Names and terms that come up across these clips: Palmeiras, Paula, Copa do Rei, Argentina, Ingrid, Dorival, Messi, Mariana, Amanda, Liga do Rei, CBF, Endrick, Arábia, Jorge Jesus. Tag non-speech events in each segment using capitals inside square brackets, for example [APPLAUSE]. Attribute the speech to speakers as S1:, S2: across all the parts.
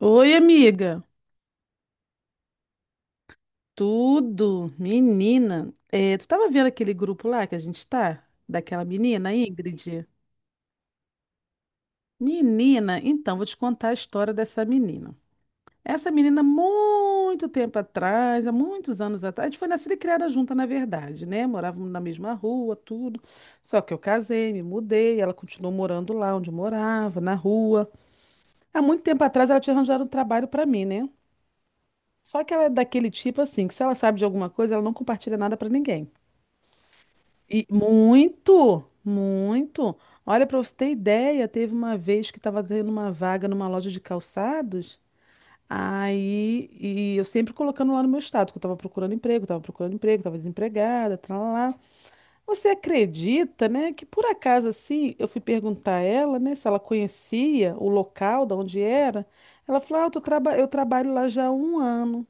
S1: Oi, amiga. Tudo, menina. Tu tava vendo aquele grupo lá que a gente tá? Daquela menina, Ingrid? Menina, então, vou te contar a história dessa menina. Essa menina, muito tempo atrás, há muitos anos atrás, a gente foi nascida e criada junta, na verdade, né? Morávamos na mesma rua, tudo. Só que eu casei, me mudei, ela continuou morando lá onde eu morava, na rua. Há muito tempo atrás, ela tinha arranjado um trabalho pra mim, né? Só que ela é daquele tipo assim, que se ela sabe de alguma coisa, ela não compartilha nada pra ninguém. E muito, muito. Olha, para você ter ideia, teve uma vez que estava tendo uma vaga numa loja de calçados. Aí, e eu sempre colocando lá no meu status, que eu estava procurando emprego, estava procurando emprego, estava desempregada, lá. Você acredita, né, que por acaso assim, eu fui perguntar a ela, né, se ela conhecia o local da onde era. Ela falou: "Ah, eu tô eu trabalho lá já há um ano".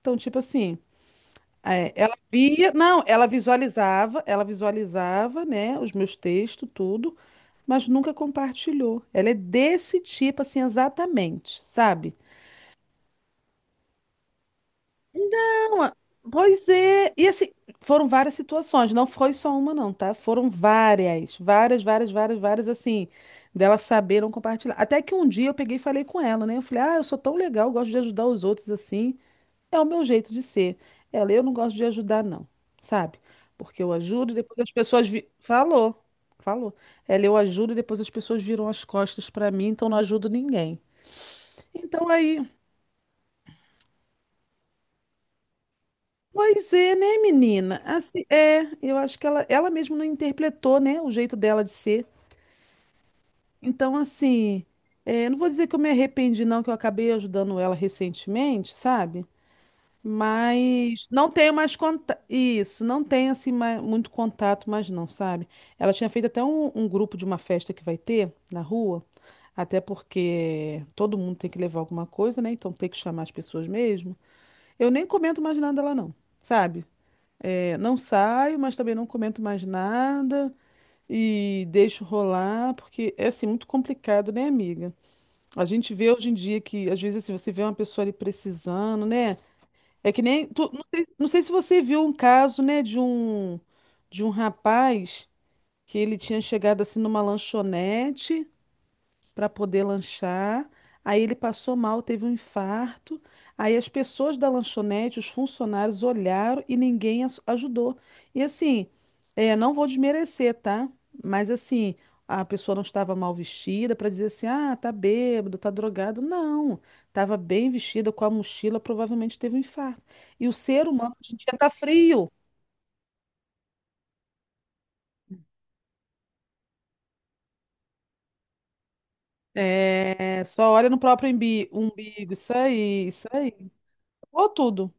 S1: Então, tipo assim, ela via, não, ela visualizava, né, os meus textos, tudo, mas nunca compartilhou. Ela é desse tipo, assim, exatamente, sabe? Não, pois é. E assim, foram várias situações, não foi só uma, não, tá? Foram várias, várias, várias, várias, várias, assim, dela saber não compartilhar. Até que um dia eu peguei e falei com ela, né? Eu falei, ah, eu sou tão legal, gosto de ajudar os outros, assim. É o meu jeito de ser. Ela, eu não gosto de ajudar, não, sabe? Porque eu ajudo e depois as Falou, falou. Ela, eu ajudo e depois as pessoas viram as costas pra mim, então não ajudo ninguém. Então aí, pois é, né, menina? Assim, eu acho que ela mesma não interpretou, né, o jeito dela de ser. Então, assim, não vou dizer que eu me arrependi, não, que eu acabei ajudando ela recentemente, sabe? Mas não tenho mais contato. Isso, não tenho assim muito contato, mas não, sabe? Ela tinha feito até um grupo de uma festa que vai ter na rua, até porque todo mundo tem que levar alguma coisa, né? Então tem que chamar as pessoas mesmo. Eu nem comento mais nada lá, não, sabe? É, não saio, mas também não comento mais nada e deixo rolar, porque é assim muito complicado, né, amiga? A gente vê hoje em dia que, às vezes, assim, você vê uma pessoa ali precisando, né? É que nem. Tu- não sei, não sei se você viu um caso, né, de de um rapaz que ele tinha chegado assim numa lanchonete para poder lanchar. Aí ele passou mal, teve um infarto. Aí as pessoas da lanchonete, os funcionários olharam e ninguém ajudou. E assim, não vou desmerecer, tá? Mas assim, a pessoa não estava mal vestida para dizer assim, ah, tá bêbado, tá drogado. Não, estava bem vestida com a mochila, provavelmente teve um infarto. E o ser humano hoje em dia tá frio. É, só olha no próprio umbigo, isso aí, isso aí. Ou tudo.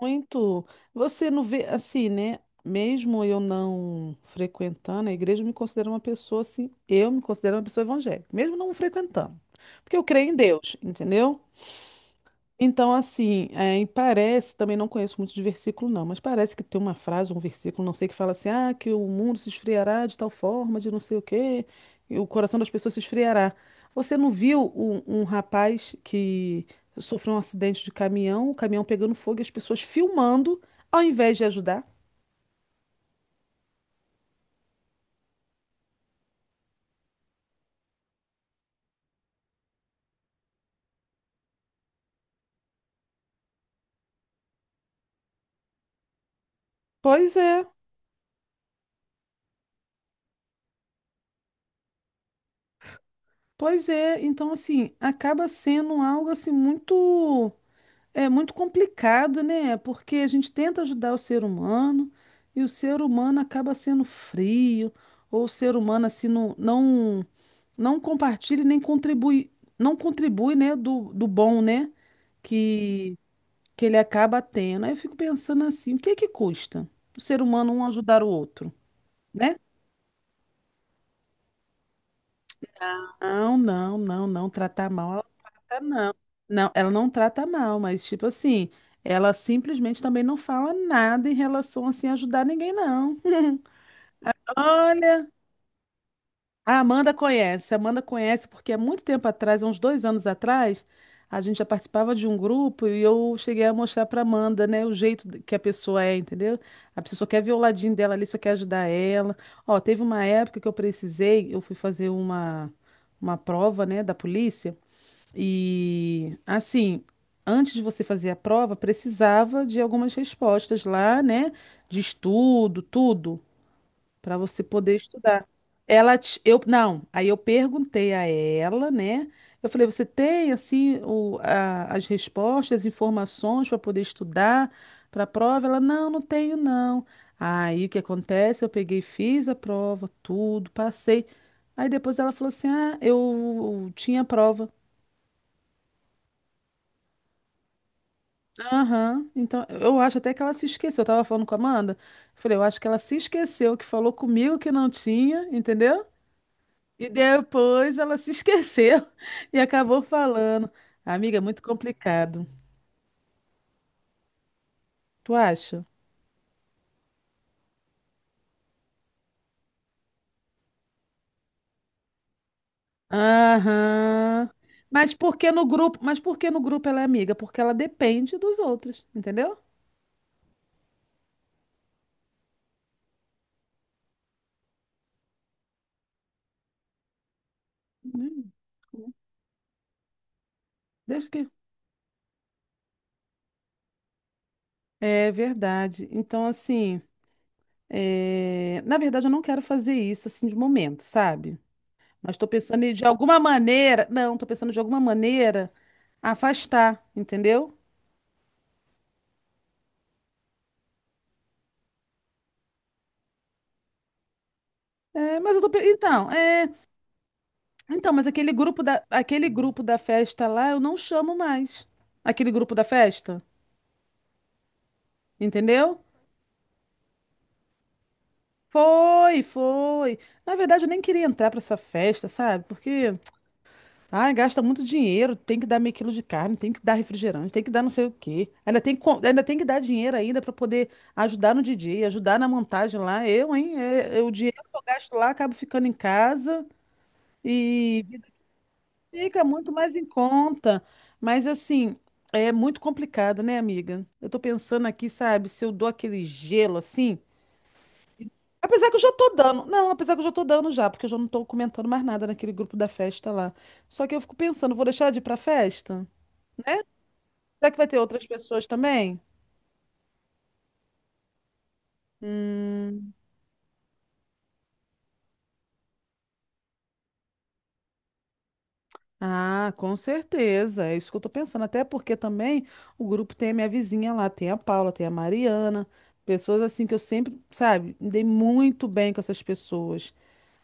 S1: Muito. Você não vê, assim, né? Mesmo eu não frequentando a igreja, eu me considero uma pessoa assim. Eu me considero uma pessoa evangélica, mesmo não frequentando. Porque eu creio em Deus, entendeu? Então, assim, e parece, também não conheço muito de versículo, não, mas parece que tem uma frase, um versículo, não sei, que fala assim, ah, que o mundo se esfriará de tal forma, de não sei o quê, e o coração das pessoas se esfriará. Você não viu um rapaz que sofreu um acidente de caminhão, o caminhão pegando fogo e as pessoas filmando, ao invés de ajudar? Pois é, pois é. Então, assim, acaba sendo algo assim muito. É muito complicado, né? Porque a gente tenta ajudar o ser humano e o ser humano acaba sendo frio, ou o ser humano assim não compartilha e nem contribui, não contribui, né, do bom, né, que, que ele acaba tendo. Aí eu fico pensando assim, o que é que custa o ser humano um ajudar o outro, né? Não, não, não, não. Tratar mal, ela não trata, não. Não, ela não trata mal, mas, tipo assim, ela simplesmente também não fala nada em relação, assim, a ajudar ninguém, não. [LAUGHS] Olha, a Amanda conhece porque há muito tempo atrás, há uns dois anos atrás, a gente já participava de um grupo e eu cheguei a mostrar para Amanda, né, o que a pessoa é, entendeu? A pessoa só quer ver o ladinho dela ali, só quer ajudar ela. Ó, teve uma época que eu precisei, eu fui fazer uma prova, né, da polícia. E assim, antes de você fazer a prova, precisava de algumas respostas lá, né? De estudo, tudo, para você poder estudar. Não, aí eu perguntei a ela, né? Eu falei, você tem assim as respostas, as informações para poder estudar para a prova? Ela, não, não tenho, não. Aí o que acontece? Eu peguei, fiz a prova, tudo, passei. Aí depois ela falou assim: ah, eu tinha prova. Aham. Então, eu acho até que ela se esqueceu. Eu tava falando com a Amanda. Eu falei, eu acho que ela se esqueceu que falou comigo que não tinha, entendeu? E depois ela se esqueceu [LAUGHS] e acabou falando. Amiga, é muito complicado. Tu acha? Aham. Mas por que no grupo? Mas por que no grupo ela é amiga? Porque ela depende dos outros, entendeu? Hum. Deixa que. É verdade. Então, assim, na verdade, eu não quero fazer isso assim de momento, sabe? Mas estou pensando em, de alguma maneira. Não, estou pensando de alguma maneira afastar, entendeu? É, mas eu tô, pe- então, é, então, mas aquele aquele grupo da festa lá, eu não chamo mais. Aquele grupo da festa, entendeu? Foi, foi. Na verdade, eu nem queria entrar para essa festa, sabe? Porque ah, gasta muito dinheiro, tem que dar meio quilo de carne, tem que dar refrigerante, tem que dar não sei o quê. Ainda tem ainda tem que dar dinheiro ainda para poder ajudar no DJ, ajudar na montagem lá. Eu, hein? É o dinheiro que eu gasto lá, acabo ficando em casa e fica muito mais em conta. Mas assim, é muito complicado, né, amiga? Eu tô pensando aqui, sabe, se eu dou aquele gelo assim. Apesar que eu já tô dando. Não, apesar que eu já tô dando já, porque eu já não tô comentando mais nada naquele grupo da festa lá. Só que eu fico pensando, vou deixar de ir pra festa? Será que vai ter outras pessoas também? Hum, ah, com certeza. É isso que eu tô pensando. Até porque também o grupo tem a minha vizinha lá, tem a Paula, tem a Mariana, pessoas assim que eu sempre, sabe, me dei muito bem com essas pessoas.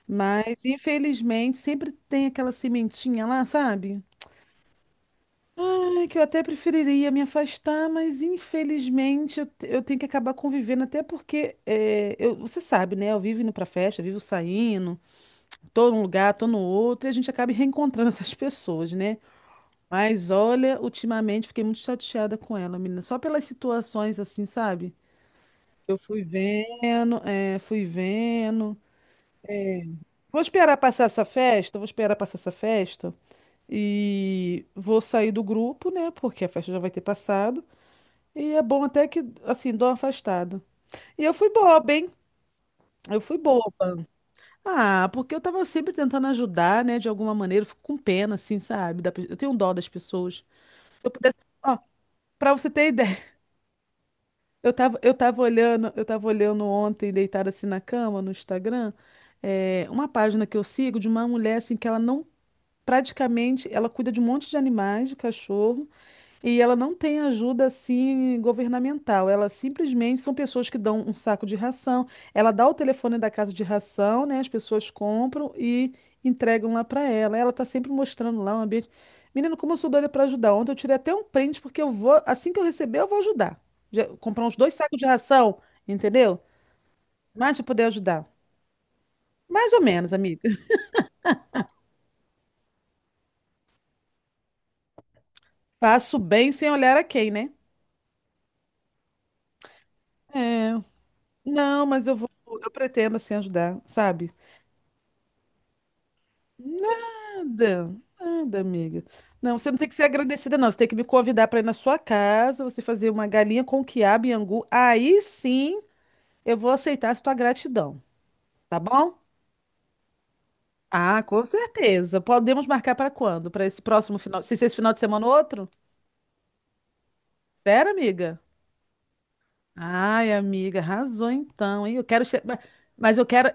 S1: Mas, infelizmente, sempre tem aquela sementinha lá, sabe? Ai, que eu até preferiria me afastar, mas infelizmente eu tenho que acabar convivendo, até porque você sabe, né? Eu vivo indo pra festa, eu vivo saindo. Tô num lugar, tô no outro, e a gente acaba reencontrando [LAUGHS] essas pessoas, né? Mas olha, ultimamente fiquei muito chateada com ela, menina, só pelas situações assim, sabe? Eu fui vendo, fui vendo. Vou esperar passar essa festa, vou esperar passar essa festa e vou sair do grupo, né? Porque a festa já vai ter passado. E é bom até que, assim, dou uma afastada. E eu fui boba, hein? Eu fui boba. Ah, porque eu tava sempre tentando ajudar, né, de alguma maneira, eu fico com pena, assim, sabe? Eu tenho dó das pessoas. Eu pudesse... Ó, pra você ter ideia, [LAUGHS] eu tava olhando ontem, deitada assim na cama, no Instagram, uma página que eu sigo de uma mulher, assim, que ela não, praticamente, ela cuida de um monte de animais, de cachorro, e ela não tem ajuda assim governamental. Ela simplesmente são pessoas que dão um saco de ração. Ela dá o telefone da casa de ração, né? As pessoas compram e entregam lá para ela. Ela tá sempre mostrando lá um ambiente. Menino, como eu sou doida para ajudar. Ontem eu tirei até um print porque eu vou, assim que eu receber, eu vou ajudar. Comprar uns dois sacos de ração, entendeu? Mas para poder ajudar. Mais ou menos, amiga. [LAUGHS] Faço bem sem olhar a quem, né? Não, mas eu vou, eu pretendo assim ajudar, sabe? Nada, nada, amiga. Não, você não tem que ser agradecida, não. Você tem que me convidar para ir na sua casa, você fazer uma galinha com quiabo e angu. Aí sim eu vou aceitar a sua gratidão, tá bom? Ah, com certeza. Podemos marcar para quando? Para esse próximo final? Se esse final de semana ou outro? Sério, amiga? Ai, amiga, arrasou então, hein? Eu quero. Mas eu quero.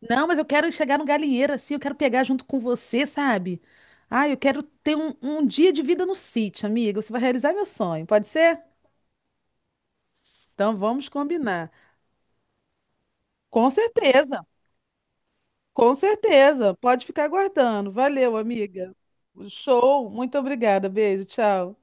S1: Não, mas eu quero chegar no galinheiro assim, eu quero pegar junto com você, sabe? Ai, eu quero ter um dia de vida no sítio, amiga. Você vai realizar meu sonho, pode ser? Então vamos combinar. Com certeza, com certeza. Pode ficar aguardando. Valeu, amiga. Show. Muito obrigada. Beijo. Tchau.